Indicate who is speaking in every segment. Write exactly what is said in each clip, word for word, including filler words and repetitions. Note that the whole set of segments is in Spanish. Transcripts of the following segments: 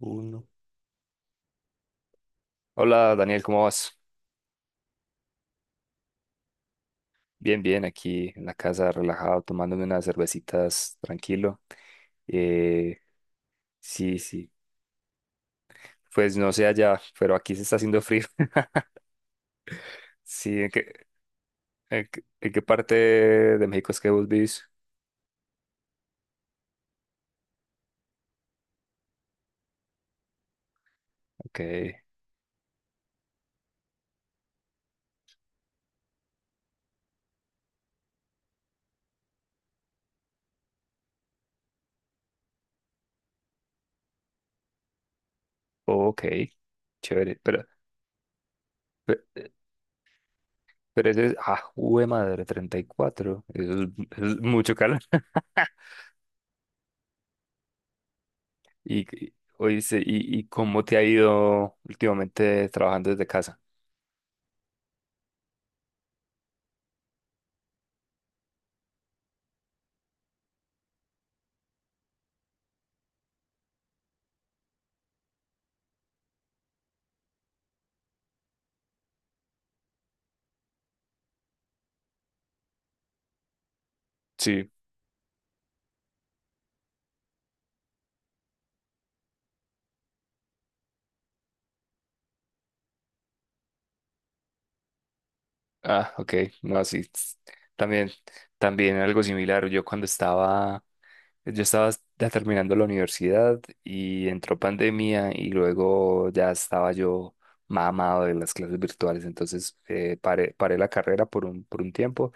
Speaker 1: Uno. Hola Daniel, ¿cómo vas? Bien, bien, aquí en la casa, relajado, tomándome unas cervecitas, tranquilo. Eh, sí, sí, pues no sé allá, pero aquí se está haciendo frío. Sí, ¿en qué, en qué- en qué parte de México es que vos vivís? Ok, ok, chévere, pero, pe- pero, eso es, ah, jue madre, treinta y cuatro, eso es, eso es mucho calor. Y, y, oíste, y, ¿y cómo te ha ido últimamente trabajando desde casa? Ah, ok, no, así s- también, también algo similar. Yo cuando estaba, yo estaba ya terminando la universidad y entró pandemia y luego ya estaba yo mamado de las clases virtuales. Entonces eh, paré, paré la carrera por un, por un tiempo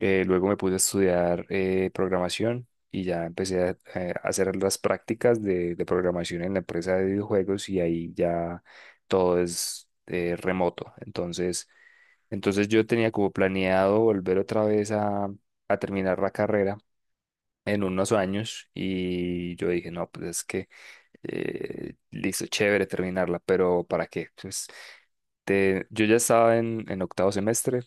Speaker 1: eh, luego me puse a estudiar eh, programación y ya empecé a, eh, a hacer las prácticas de, de programación en la empresa de videojuegos y ahí ya todo es eh, remoto. Entonces, entonces yo tenía como planeado volver otra vez a, a terminar la carrera en unos años y yo dije, no, pues es que eh, listo, chévere terminarla, pero ¿para qué? Pues, te- yo ya estaba en, en octavo semestre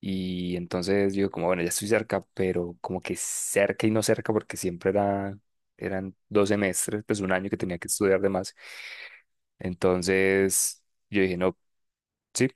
Speaker 1: y entonces digo como, bueno, ya estoy cerca, pero como que cerca y no cerca porque siempre era, eran dos semestres, pues un año que tenía que estudiar de más. Entonces yo dije, no, sí,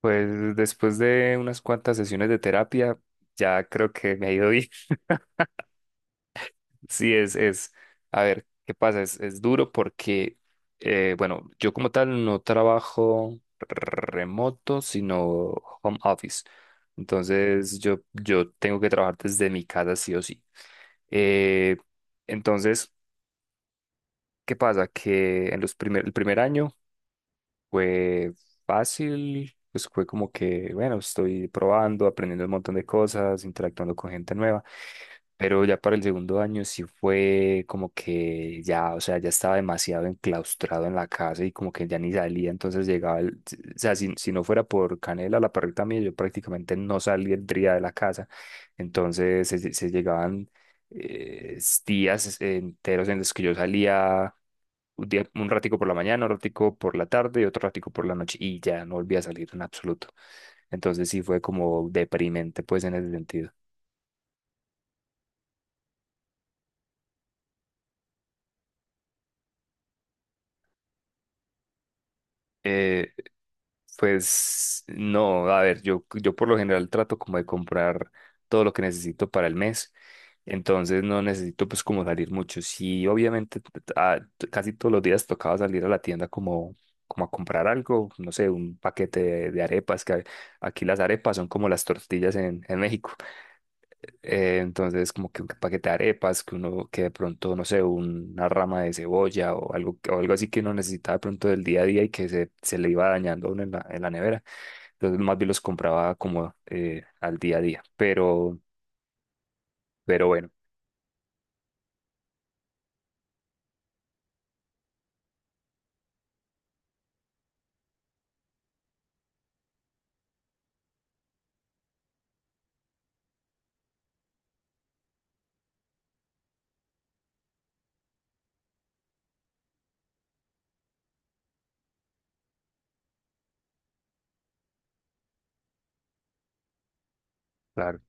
Speaker 1: pues después de unas cuantas sesiones de terapia, ya creo que me ha ido bien. Sí, es, es, a ver, ¿qué pasa? Es, es duro porque, eh, bueno, yo como tal no trabajo remoto, sino home office. Entonces, yo, yo tengo que trabajar desde mi casa sí o sí. Eh, entonces, ¿qué pasa? Que en los primer, el primer año fue fácil, pues fue como que, bueno, estoy probando, aprendiendo un montón de cosas, interactuando con gente nueva. Pero ya para el segundo año sí fue como que ya, o sea, ya estaba demasiado enclaustrado en la casa y como que ya ni salía, entonces llegaba, el- o sea, si, si no fuera por Canela, la perrita mía, yo prácticamente no saldría de la casa, entonces se, se llegaban eh, días enteros en los que yo salía un día, un ratico por la mañana, un ratico por la tarde y otro ratico por la noche y ya no volvía a salir en absoluto, entonces sí fue como deprimente pues en ese sentido. Pues no, a ver, yo, yo por lo general trato como de comprar todo lo que necesito para el mes, entonces no necesito pues como salir mucho. Sí, obviamente t- t- ah, t- casi todos los días tocaba salir a la tienda como, como a comprar algo, no sé, un paquete de, de arepas, que a- aquí las arepas son como las tortillas en, en México. Eh, entonces, como que un paquete de arepas, que uno, que de pronto, no sé, una rama de cebolla o algo, o algo así que uno necesitaba de pronto del día a día y que se, se le iba dañando a uno en la, en la nevera. Entonces, más bien los compraba como eh, al día a día. Pero, pero bueno, claro.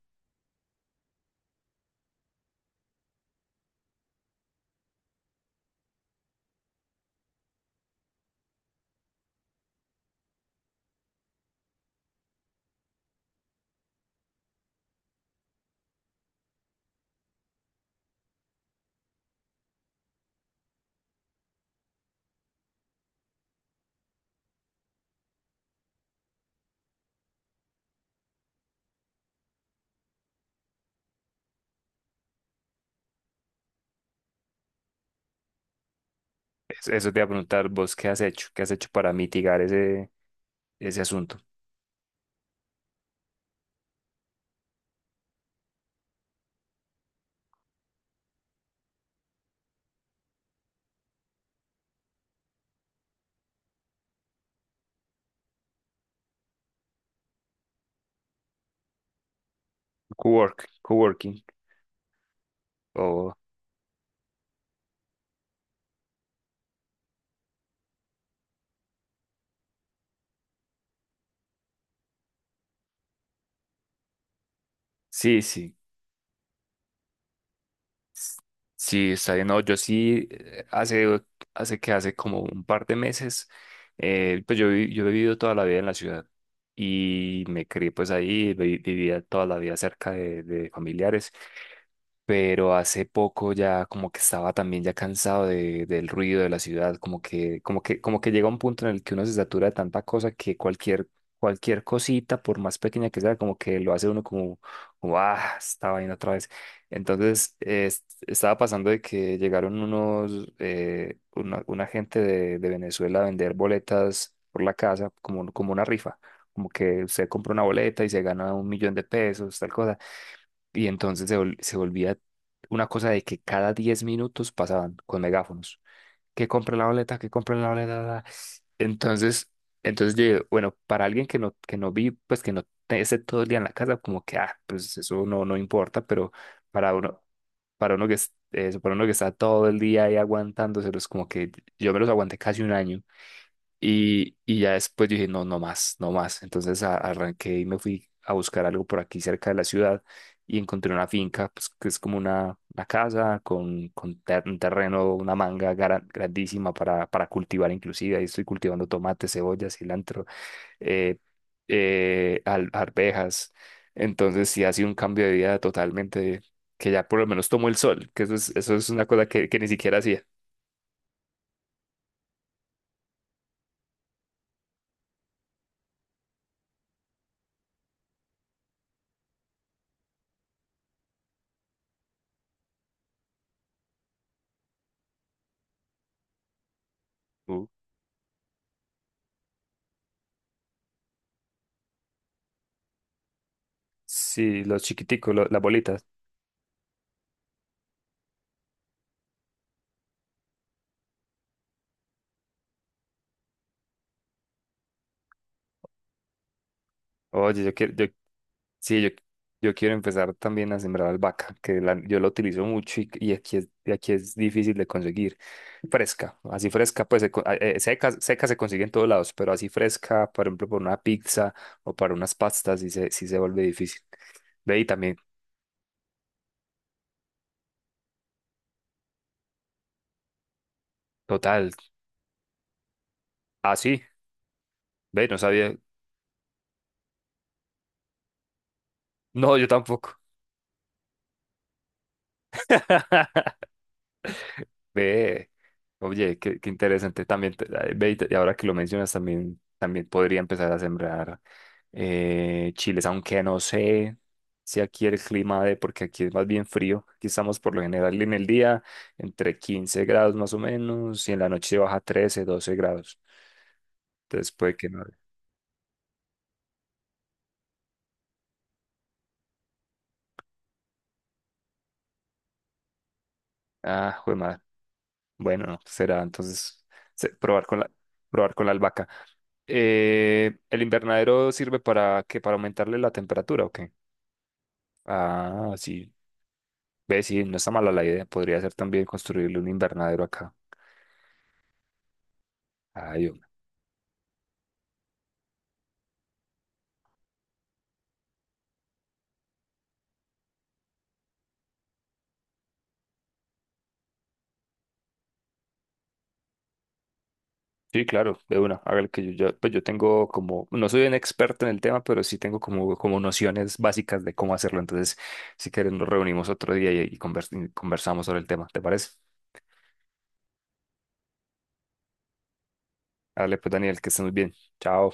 Speaker 1: Es- Eso te iba a preguntar, vos, ¿qué has hecho? ¿Qué has hecho para mitigar ese, ese asunto? Cowork, coworking. O, sí, sí. Sí, está bien. No, yo sí, eh, hace, hace que hace como un par de meses, eh, pues yo, vi- yo he vivido toda la vida en la ciudad y me crié pues ahí, vi- vivía toda la vida cerca de, de familiares, pero hace poco ya como que estaba también ya cansado de, del ruido de la ciudad, como que, como que, como que llega un punto en el que uno se satura de tanta cosa que cualquier, cualquier cosita, por más pequeña que sea, como que lo hace uno como, como ah, esta vaina otra vez. Entonces, eh, es- estaba pasando de que llegaron unos, eh, una, una gente de, de Venezuela a vender boletas por la casa, como, como una rifa. Como que usted compra una boleta y se gana un millón de pesos, tal cosa. Y entonces se, vol- se volvía una cosa de que cada diez minutos pasaban con megáfonos. Que compre la boleta, que compre la boleta. la- la". Entonces, entonces yo, digo, bueno, para alguien que no, que no vi, pues que no te- esté todo el día en la casa, como que, ah, pues eso no, no importa, pero para uno, para uno que, es- eso, para uno que está todo el día ahí aguantándoselos, como que yo me los aguanté casi un año. Y, y ya después dije, no, no más, no más. Entonces a- arranqué y me fui a buscar algo por aquí cerca de la ciudad y encontré una finca, pues, que es como una, una casa con, con ter- un terreno, una manga gara- grandísima para, para cultivar inclusive. Ahí estoy cultivando tomate, cebolla, cilantro, eh, eh, al- arvejas. Entonces sí ha sido un cambio de vida totalmente, que ya por lo menos tomo el sol, que eso es, eso es una cosa que, que ni siquiera hacía. Uh, Sí, los chiquiticos, lo- las bolitas. Oye, yo quiero, Sí, yo, yo quiero empezar también a sembrar albahaca, que la- yo la utilizo mucho, y, y aquí es, y aquí es difícil de conseguir. Fresca, así fresca, pues se co- ah, eh, seca, seca se consigue en todos lados, pero así fresca, por ejemplo, para una pizza o para unas pastas, sí se, sí se vuelve difícil. Ve y también, total. Ah, sí, ve, no sabía. No, yo tampoco. Ve, oye, qué, qué interesante. También, te- ve, y te- y ahora que lo mencionas, también, también podría empezar a sembrar eh, chiles, aunque no sé si aquí el clima de, porque aquí es más bien frío, aquí estamos por lo general en el día entre quince grados más o menos y en la noche baja trece, doce grados. Entonces puede que no. Ah, jue madre. Bueno, no, será entonces se- probar con la, probar con la albahaca. Eh, ¿el invernadero sirve para que ¿Para aumentarle la temperatura o qué? Ah, sí. Ve, sí, no está mala la idea. Podría ser también construirle un invernadero acá. Ay, sí, claro, de una. Hágale que yo ya, pues yo tengo como, no soy un experto en el tema, pero sí tengo como, como nociones básicas de cómo hacerlo. Entonces, si quieres, nos reunimos otro día y, y convers- y conversamos sobre el tema. ¿Te parece? Dale, pues, Daniel, que estés muy bien. Chao.